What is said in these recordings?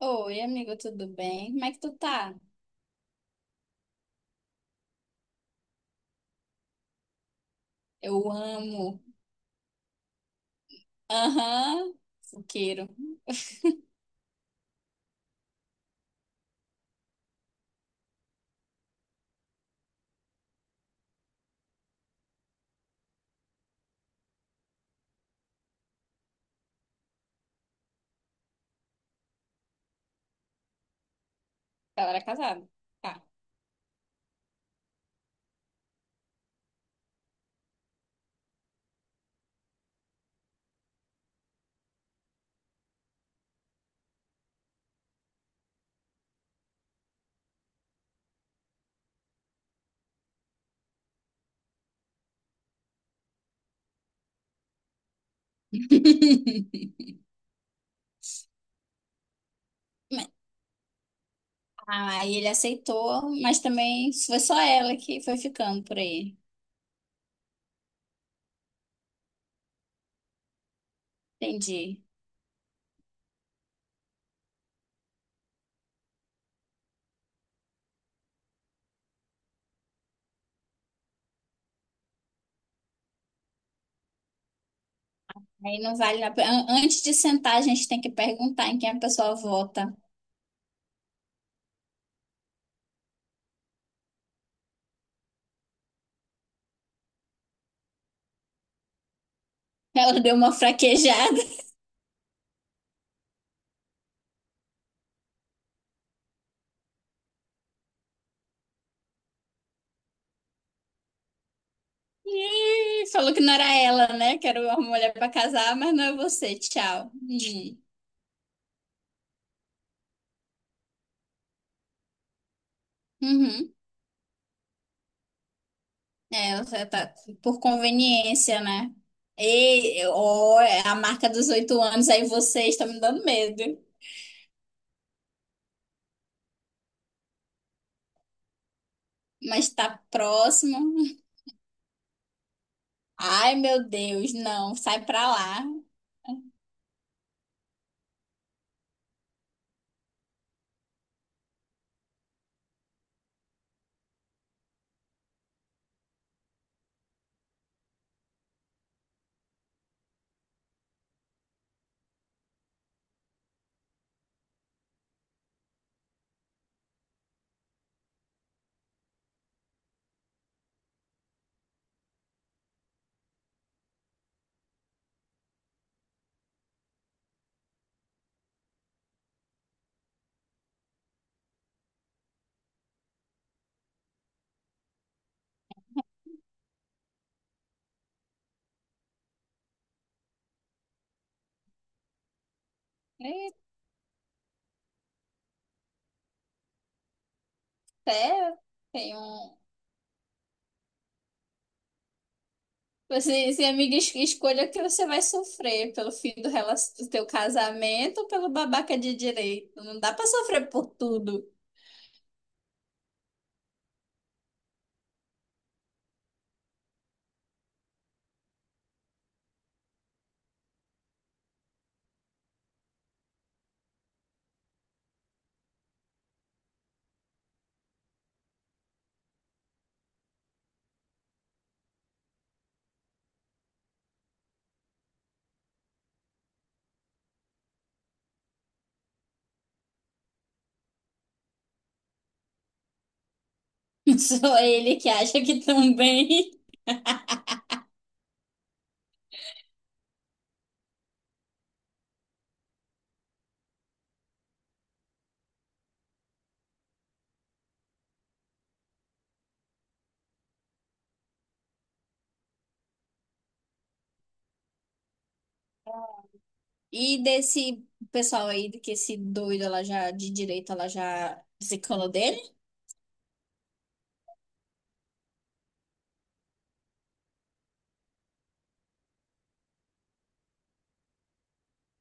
Oi, amigo, tudo bem? Como é que tu tá? Eu amo. Aham, fuqueiro. Ela era casada. Tá. Mas- Ah, aí ele aceitou, mas também foi só ela que foi ficando por aí. Entendi. Aí não vale a pena. Antes de sentar, a gente tem que perguntar em quem a pessoa vota. Ela deu uma fraquejada. Ih, falou que não era ela, né? Que era uma mulher pra casar, mas não é você. Tchau. Hum. Uhum. É, você tá por conveniência, né? E, ó, é a marca dos 8 anos, aí vocês estão me dando medo. Mas tá próximo. Ai, meu Deus, não, sai pra lá. E até tem um. Você, se amiga, escolha o que você vai sofrer pelo fim do, do teu casamento ou pelo babaca de direito. Não dá pra sofrer por tudo. Só ele que acha que também. E desse pessoal aí, que esse doido, ela já, de direita, ela já desencanou dele?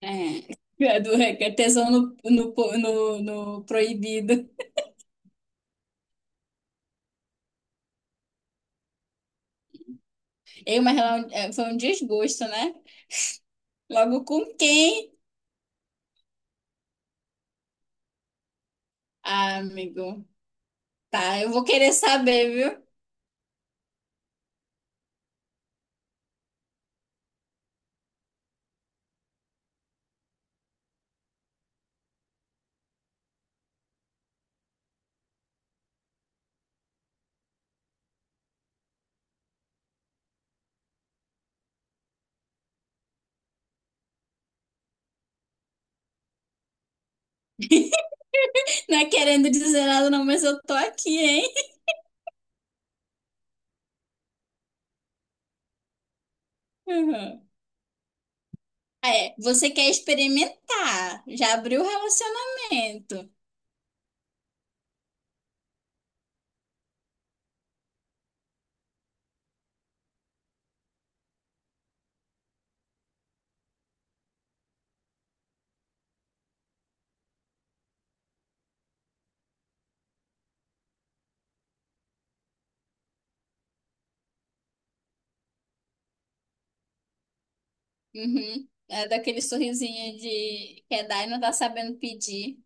É. É do é que é tesão no, no, no, no proibido. Eu, mas ela, é, um, é, foi um desgosto, né? Logo com quem? Ah, amigo. Tá, eu vou querer saber, viu? Não é querendo dizer nada, não, mas eu tô aqui, hein? Uhum. Ah, é, você quer experimentar. Já abriu o relacionamento. Uhum. É daquele sorrisinho de quer dar e não tá sabendo pedir.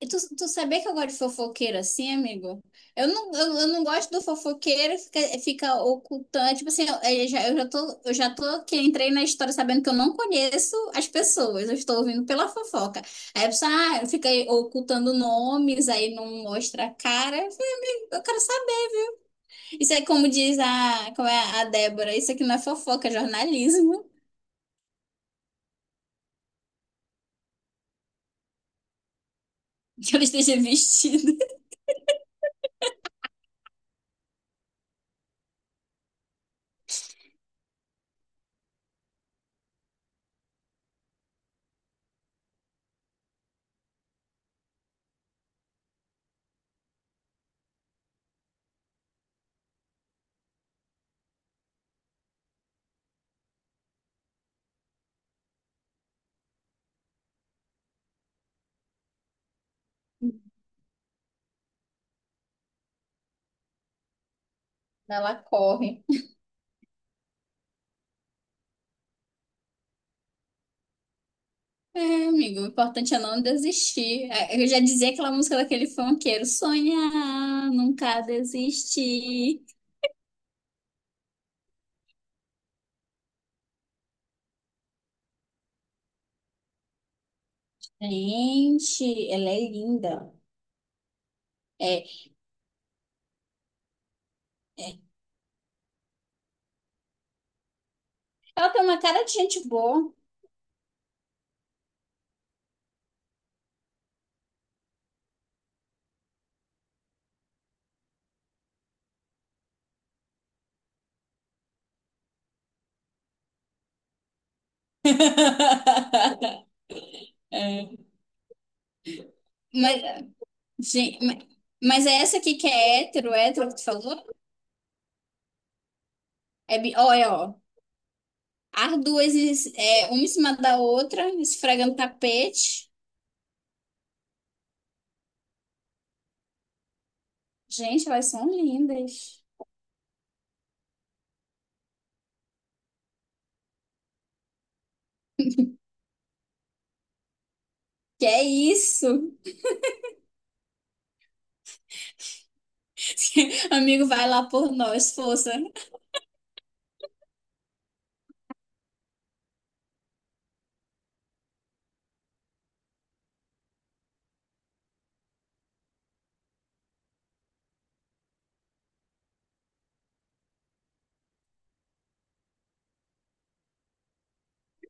E tu sabia que eu gosto de fofoqueiro assim, amigo? Eu não gosto do fofoqueiro que fica ocultando. Tipo assim, eu já tô que entrei na história sabendo que eu não conheço as pessoas, eu estou ouvindo pela fofoca. Aí a pessoa fica aí ocultando nomes, aí não mostra a cara. Eu falei, amigo, eu quero saber. Isso é como diz a, como é a Débora, isso aqui não é fofoca, é jornalismo. Que ela esteja vestida. Ela corre. É, amigo, o importante é não desistir. É, eu já dizia aquela música daquele funkeiro, sonhar, nunca desistir. Gente, ela é linda. É, é. Ela tem uma cara de gente boa. Mas, gente, mas é essa aqui que é hétero, hétero que tu falou? É, ó, é, ó. As duas, é, uma em cima da outra, esfregando tapete. Gente, elas são lindas. Que é isso? Amigo, vai lá por nós, força.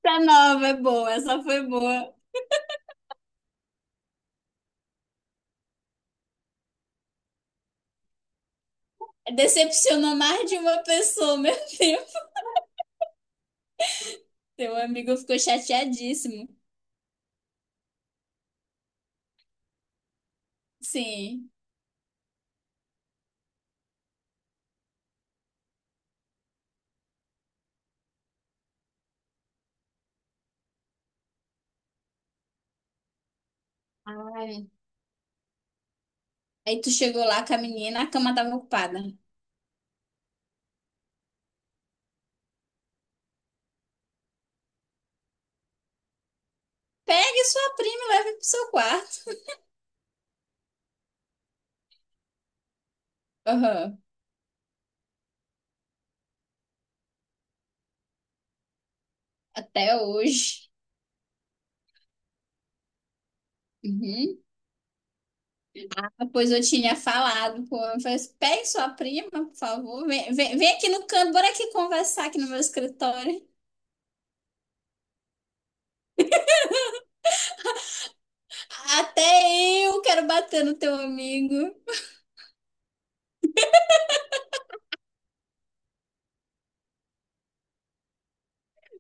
Tá nova, é boa, essa foi boa. Decepcionou mais de uma pessoa, meu Deus. Teu amigo ficou chateadíssimo. Sim. Ai. Aí tu chegou lá com a menina, a cama tava ocupada. Pegue sua prima e leve pro seu quarto. Aham. Até hoje. Uhum. Ah, pois eu tinha falado com ele, eu falei, assim, pegue sua prima, por favor, vem, vem, vem aqui no canto, bora aqui conversar aqui no meu escritório. Até eu quero bater no teu amigo.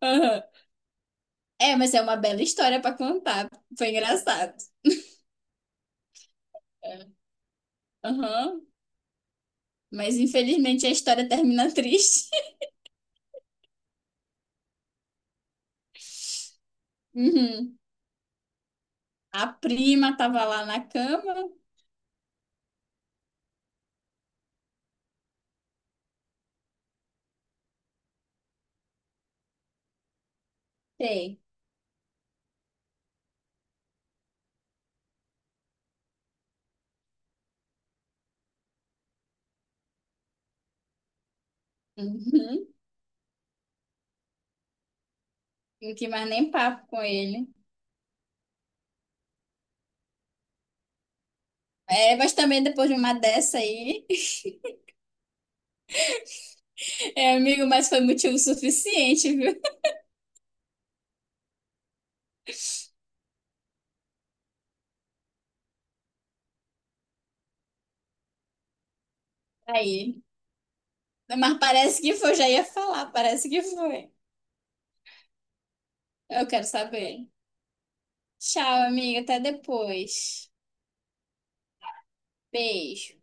Aham. É, mas é uma bela história pra contar. Foi engraçado. É. Aham. Mas infelizmente a história termina triste. Uhum. A prima tava lá na cama. Sei. Uhum. Não quis mais nem papo com ele. É, mas também depois de uma dessa aí, é, amigo, mas foi motivo suficiente, viu? Aí. Mas parece que foi, já ia falar, parece que foi. Eu quero saber. Tchau, amiga, até depois. Beijo.